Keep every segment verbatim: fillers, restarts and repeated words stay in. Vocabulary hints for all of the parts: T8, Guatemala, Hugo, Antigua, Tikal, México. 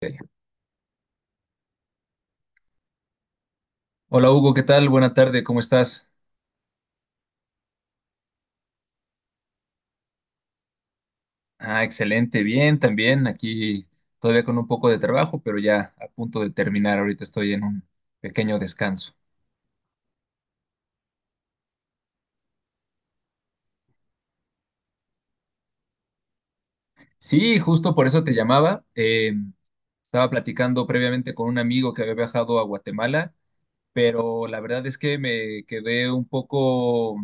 Eh, Hola Hugo, ¿qué tal? Buena tarde, ¿cómo estás? Ah, excelente, bien, también aquí todavía con un poco de trabajo, pero ya a punto de terminar, ahorita estoy en un pequeño descanso. Sí, justo por eso te llamaba. Eh, estaba platicando previamente con un amigo que había viajado a Guatemala, pero la verdad es que me quedé un poco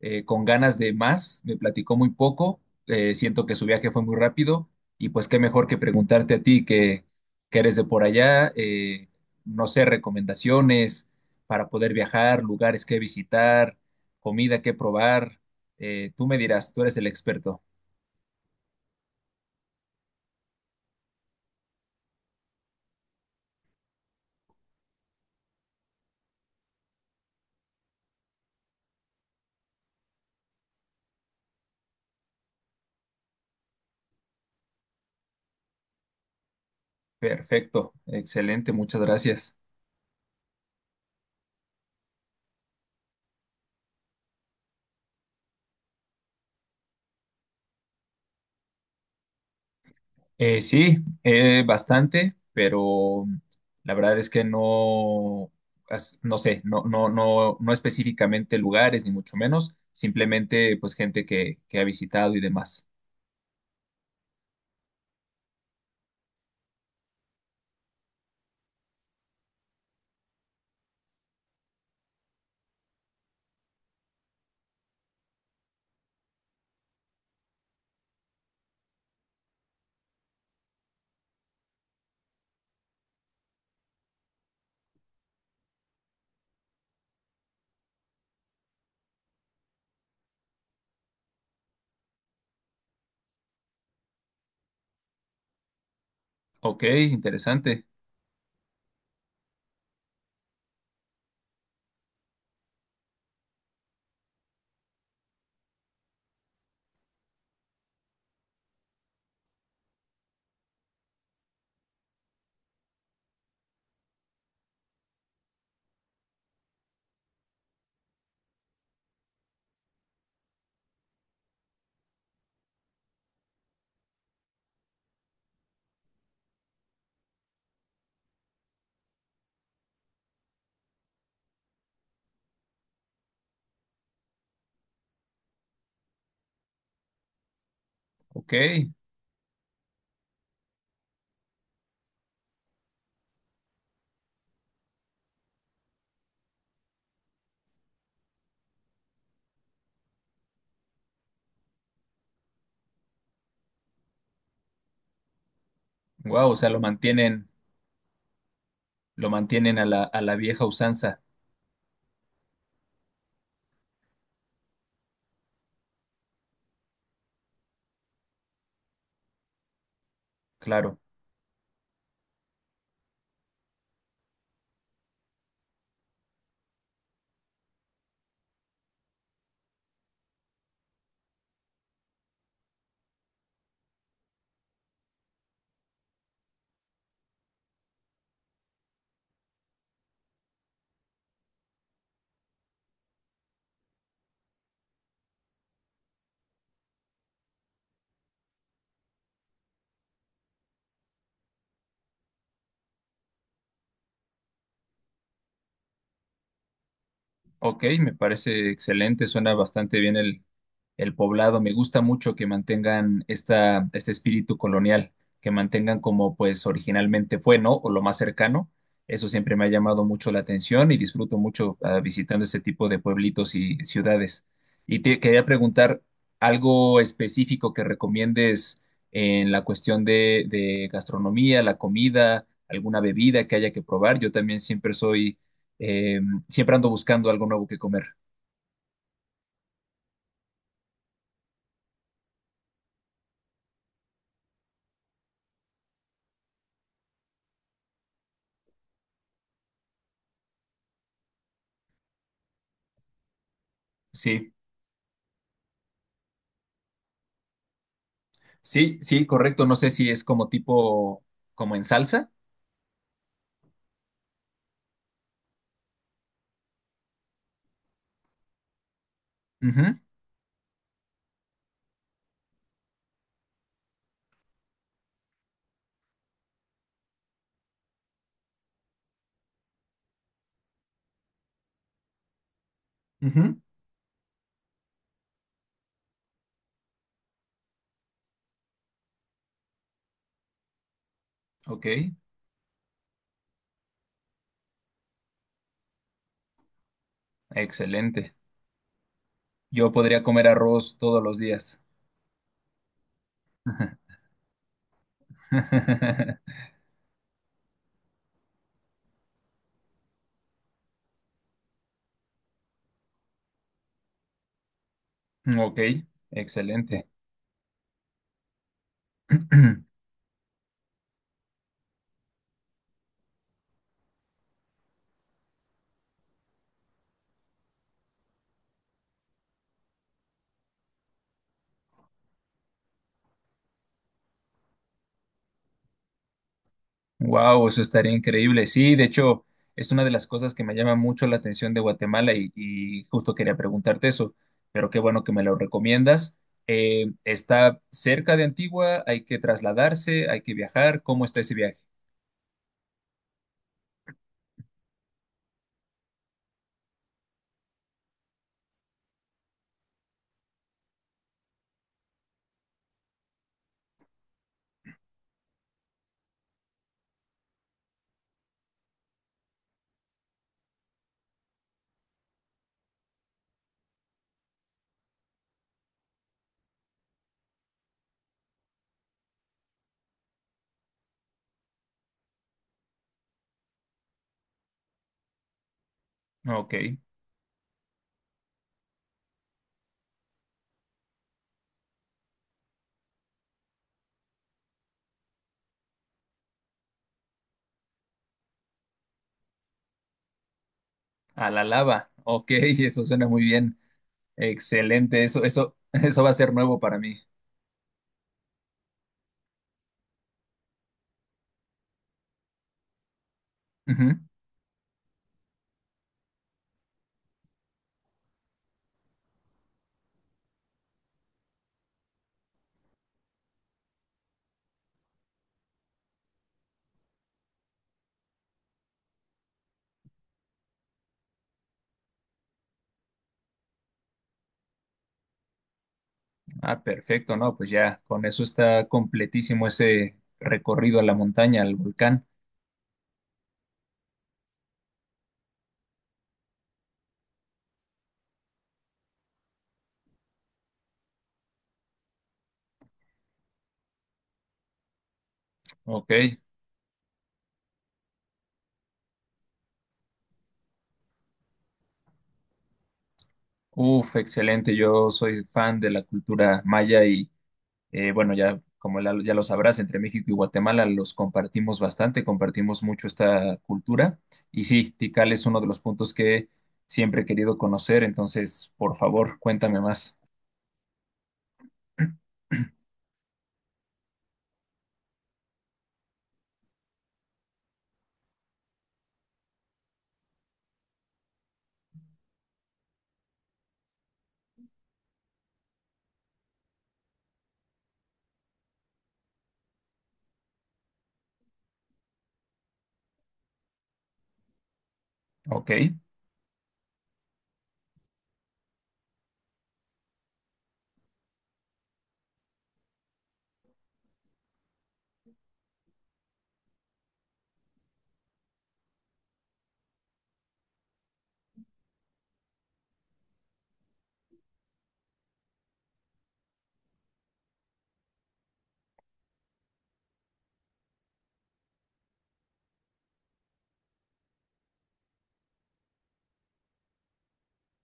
eh, con ganas de más, me platicó muy poco, eh, siento que su viaje fue muy rápido y pues qué mejor que preguntarte a ti que, que eres de por allá, eh, no sé, recomendaciones para poder viajar, lugares que visitar, comida que probar, eh, tú me dirás, tú eres el experto. Perfecto, excelente, muchas gracias. Eh, sí, eh, bastante, pero la verdad es que no, as- no sé, no, no, no, no específicamente lugares, ni mucho menos, simplemente pues gente que, que ha visitado y demás. Ok, interesante. Ok, wow, o sea, lo mantienen, lo mantienen a la, a la vieja usanza, claro. Ok, me parece excelente, suena bastante bien el poblado. Me gusta mucho que mantengan esta, este espíritu colonial, que mantengan como pues originalmente fue, ¿no? O lo más cercano. Eso siempre me ha llamado mucho la atención y disfruto mucho ah, visitando este tipo de pueblitos y ciudades. Y te quería preguntar algo específico que recomiendes en la cuestión de, de gastronomía, la comida, alguna bebida que haya que probar. Yo también siempre soy, eh, siempre ando buscando algo nuevo que comer. Sí. Sí, sí, correcto. No sé si es como tipo, como en salsa. Ujú, ujú. Ok, excelente. Yo podría comer arroz todos los días. Ok, excelente. Wow, eso estaría increíble. Sí, de hecho, es una de las cosas que me llama mucho la atención de Guatemala y, y justo quería preguntarte eso, pero qué bueno que me lo recomiendas. Eh, ¿está cerca de Antigua? ¿Hay que trasladarse? ¿Hay que viajar? ¿Cómo está ese viaje? Ok. A la lava. Ok, eso suena muy bien. Excelente. Eso, eso, eso va a ser nuevo para mí. Ujú. Ah, perfecto, ¿no? Pues ya, con eso está completísimo ese recorrido a la montaña, al volcán. Ok. Uf, excelente. Yo soy fan de la cultura maya y eh, bueno, ya como la- ya lo sabrás, entre México y Guatemala los compartimos bastante, compartimos mucho esta cultura. Y sí, Tikal es uno de los puntos que siempre he querido conocer, entonces, por favor, cuéntame más. Ok,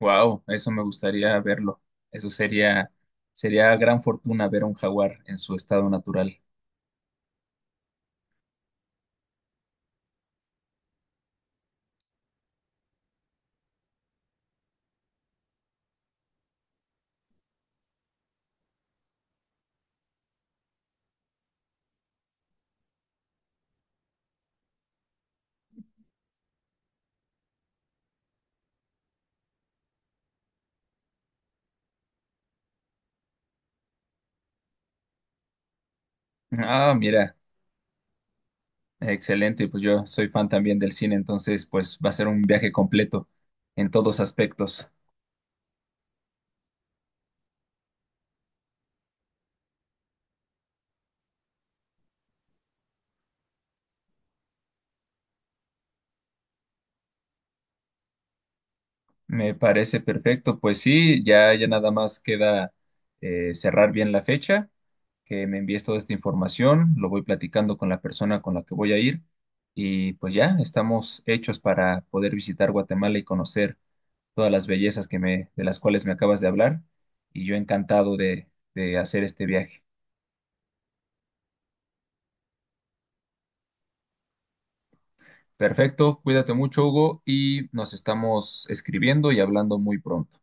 wow, eso me gustaría verlo. Eso sería, sería gran fortuna ver un jaguar en su estado natural. Ah, mira, excelente. Pues yo soy fan también del cine, entonces pues va a ser un viaje completo en todos aspectos. Me parece perfecto. Pues sí, ya, ya nada más queda eh, cerrar bien la fecha, que me envíes toda esta información, lo voy platicando con la persona con la que voy a ir y pues ya estamos hechos para poder visitar Guatemala y conocer todas las bellezas que me, de las cuales me acabas de hablar y yo encantado de, de hacer este viaje. Perfecto, cuídate mucho, Hugo, y nos estamos escribiendo y hablando muy pronto.